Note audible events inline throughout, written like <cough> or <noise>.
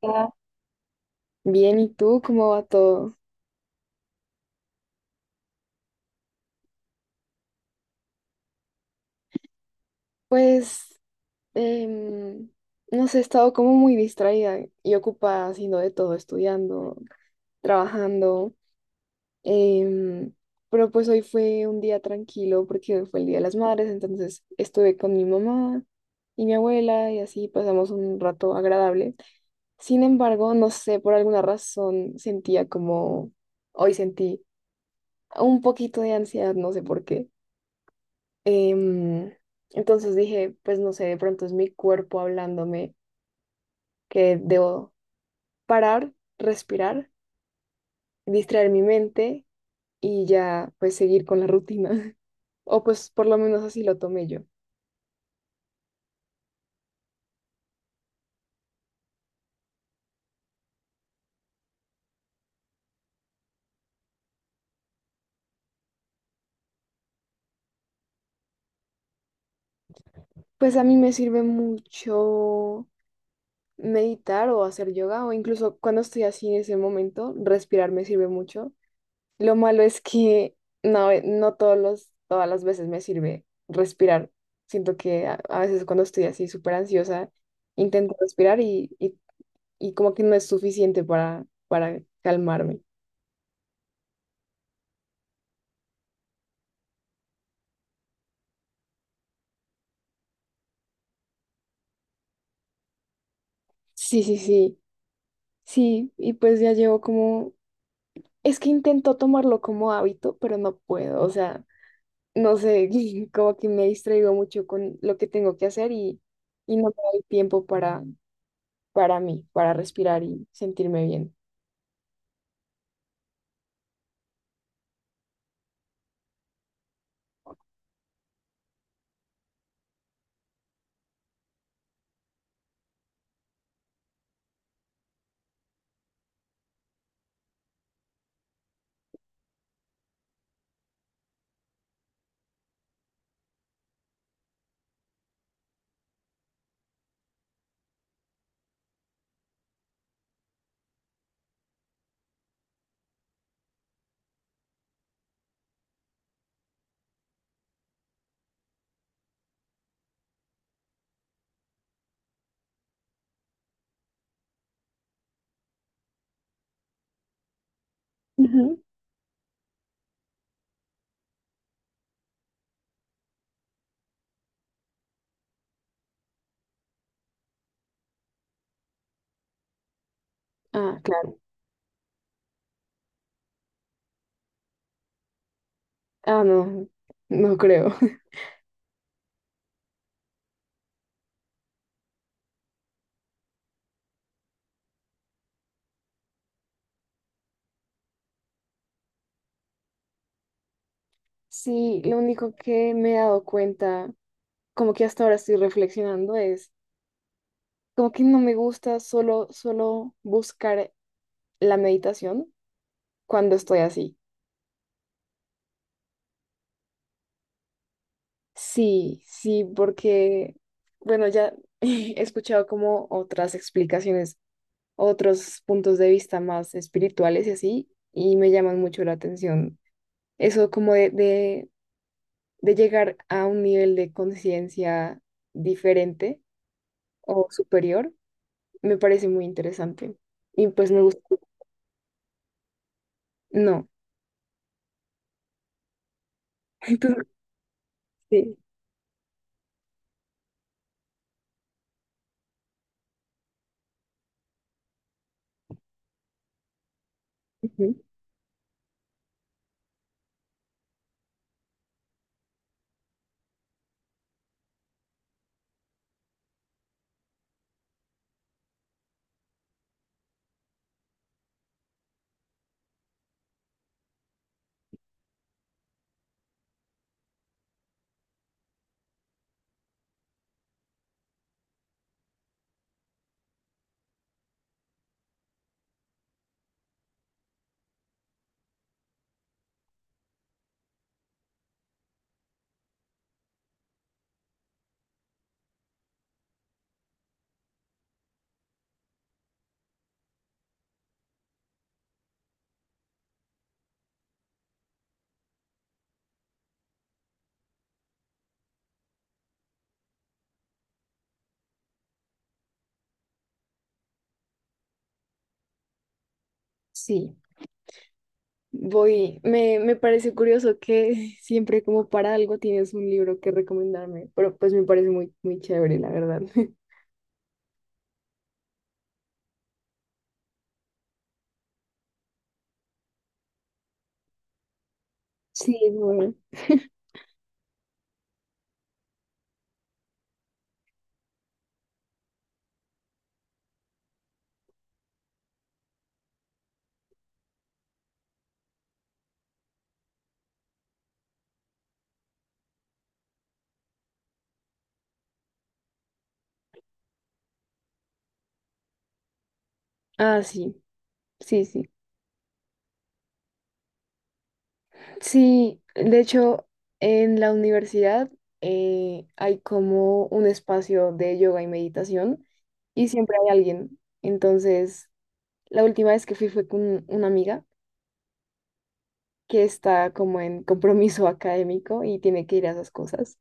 Hola. Bien, ¿y tú cómo va todo? Pues, em, no sé, he estado como muy distraída y ocupada haciendo de todo, estudiando, trabajando, em, pero pues hoy fue un día tranquilo porque hoy fue el Día de las Madres, entonces estuve con mi mamá y mi abuela y así pasamos un rato agradable. Sin embargo, no sé, por alguna razón sentía como, hoy sentí un poquito de ansiedad, no sé por qué. Em, entonces dije, pues no sé, de pronto es mi cuerpo hablándome que debo parar, respirar, distraer mi mente y ya pues seguir con la rutina. <laughs> O pues por lo menos así lo tomé yo. Pues a mí me sirve mucho meditar o hacer yoga o incluso cuando estoy así en ese momento, respirar me sirve mucho. Lo malo es que no, no todos todas las veces me sirve respirar. Siento que a veces cuando estoy así súper ansiosa, intento respirar y como que no es suficiente para calmarme. Sí, sí, sí, sí. Y pues ya llevo como, es que intento tomarlo como hábito, pero no puedo. O sea, no sé, <laughs> como que me distraigo mucho con lo que tengo que hacer y no me doy tiempo para mí, para respirar y sentirme bien. Ujú. Ah, claro. Ah, no, no creo. <laughs> Sí, lo único que me he dado cuenta, como que hasta ahora estoy reflexionando, es como que no me gusta solo buscar la meditación cuando estoy así. Sí, sí, porque, bueno, ya <laughs> he escuchado como otras explicaciones, otros puntos de vista más espirituales y así, y me llaman mucho la atención. Eso como de llegar a un nivel de conciencia diferente o superior, me parece muy interesante. Y pues me gusta. No. <laughs> Entonces, sí. Ujú. Sí. Voy. Me parece curioso que siempre como para algo tienes un libro que recomendarme, pero pues me parece muy, muy chévere, la verdad. <laughs> Sí, es bueno. <laughs> Ah, sí. Sí, sí. Sí, de hecho, en la universidad hay como un espacio de yoga y meditación y siempre hay alguien. Entonces, la última vez que fui fue con una amiga que está como en compromiso académico y tiene que ir a esas cosas.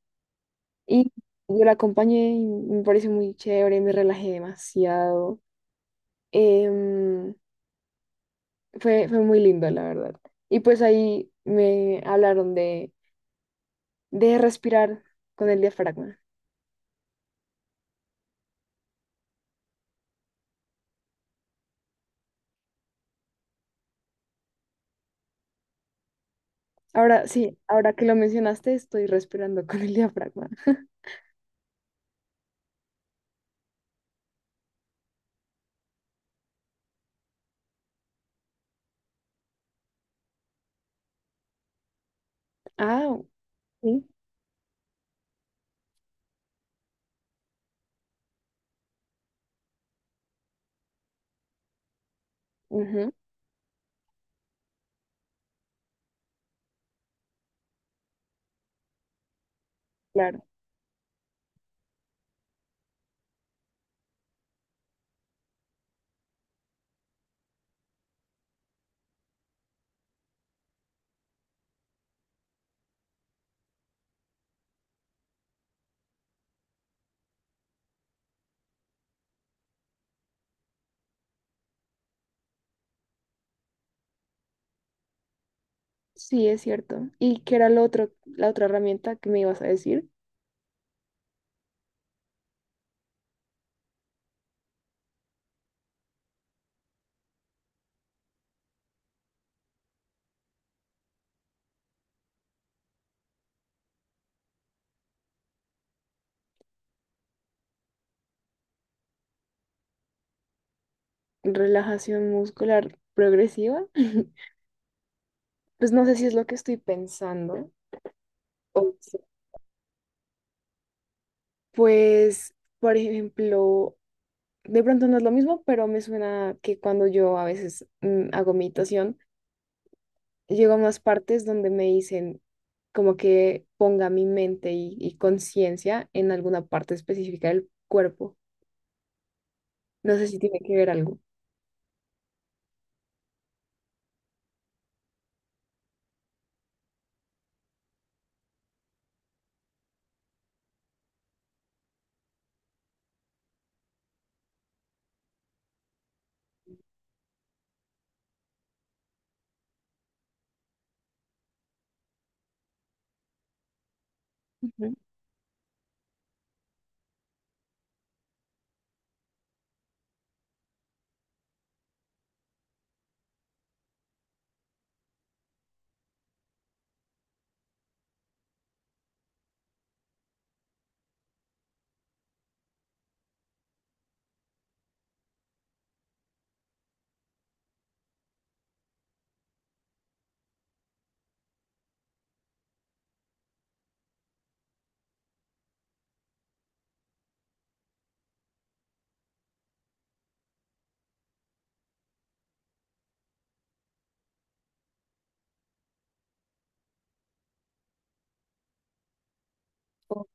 Y yo la acompañé y me pareció muy chévere, me relajé demasiado. Em, fue fue muy lindo, la verdad. Y pues ahí me hablaron de respirar con el diafragma. Ahora sí, ahora que lo mencionaste, estoy respirando <laughs> con el diafragma. Ah, sí, ujú, claro. Sí, es cierto. ¿Y qué era lo otro, la otra herramienta que me ibas a decir? Relajación muscular progresiva. <laughs> Pues no sé si es lo que estoy pensando. O si- Pues, por ejemplo, de pronto no es lo mismo, pero me suena que cuando yo a veces hago meditación, llego a más partes donde me dicen como que ponga mi mente y conciencia en alguna parte específica del cuerpo. No sé si tiene que ver algo. Ujú. Ok.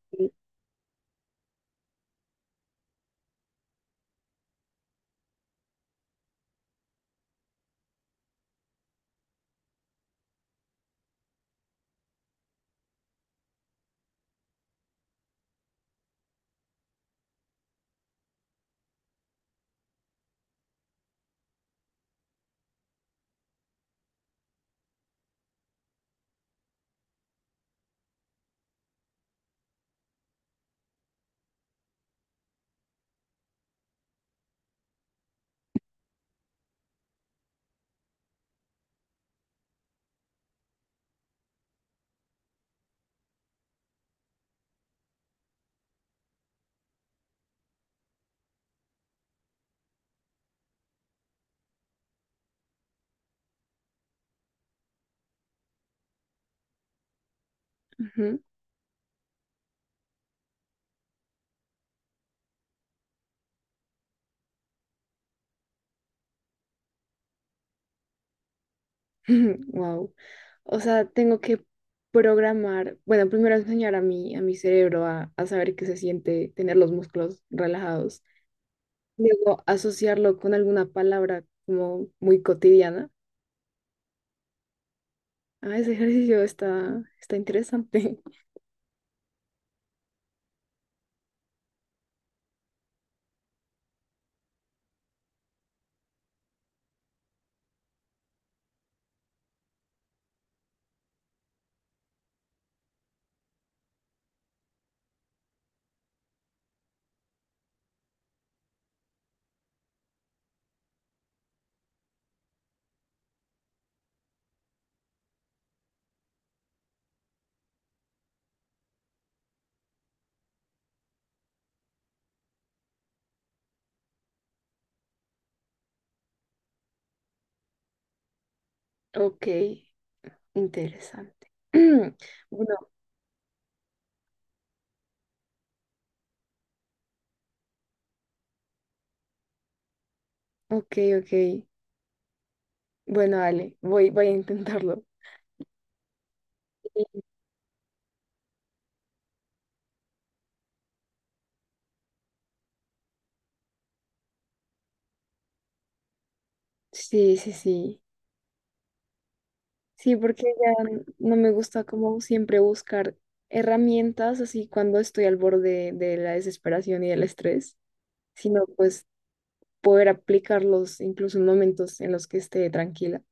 Ujú. <laughs> Wow. O sea, tengo que programar, bueno, primero enseñar a a mi cerebro a saber qué se siente tener los músculos relajados. Luego asociarlo con alguna palabra como muy cotidiana. Ah, ese ejercicio está interesante. <laughs> Ok. Interesante. <clears throat> Bueno, ok, ok. Bueno, dale, voy a intentarlo. Sí, sí, sí. Sí, porque ya no me gusta como siempre buscar herramientas así cuando estoy al borde de la desesperación y del estrés, sino pues poder aplicarlos incluso en momentos en los que esté tranquila.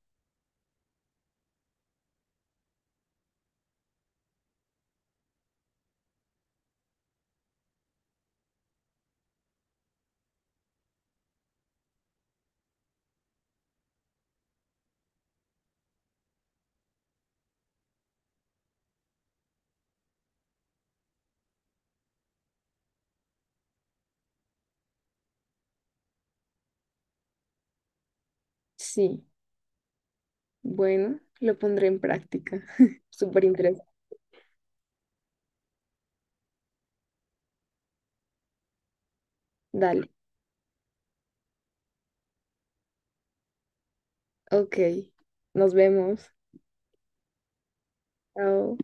Sí, bueno, lo pondré en práctica. <laughs> Súper interesante. Dale, ok. Nos vemos. Chao.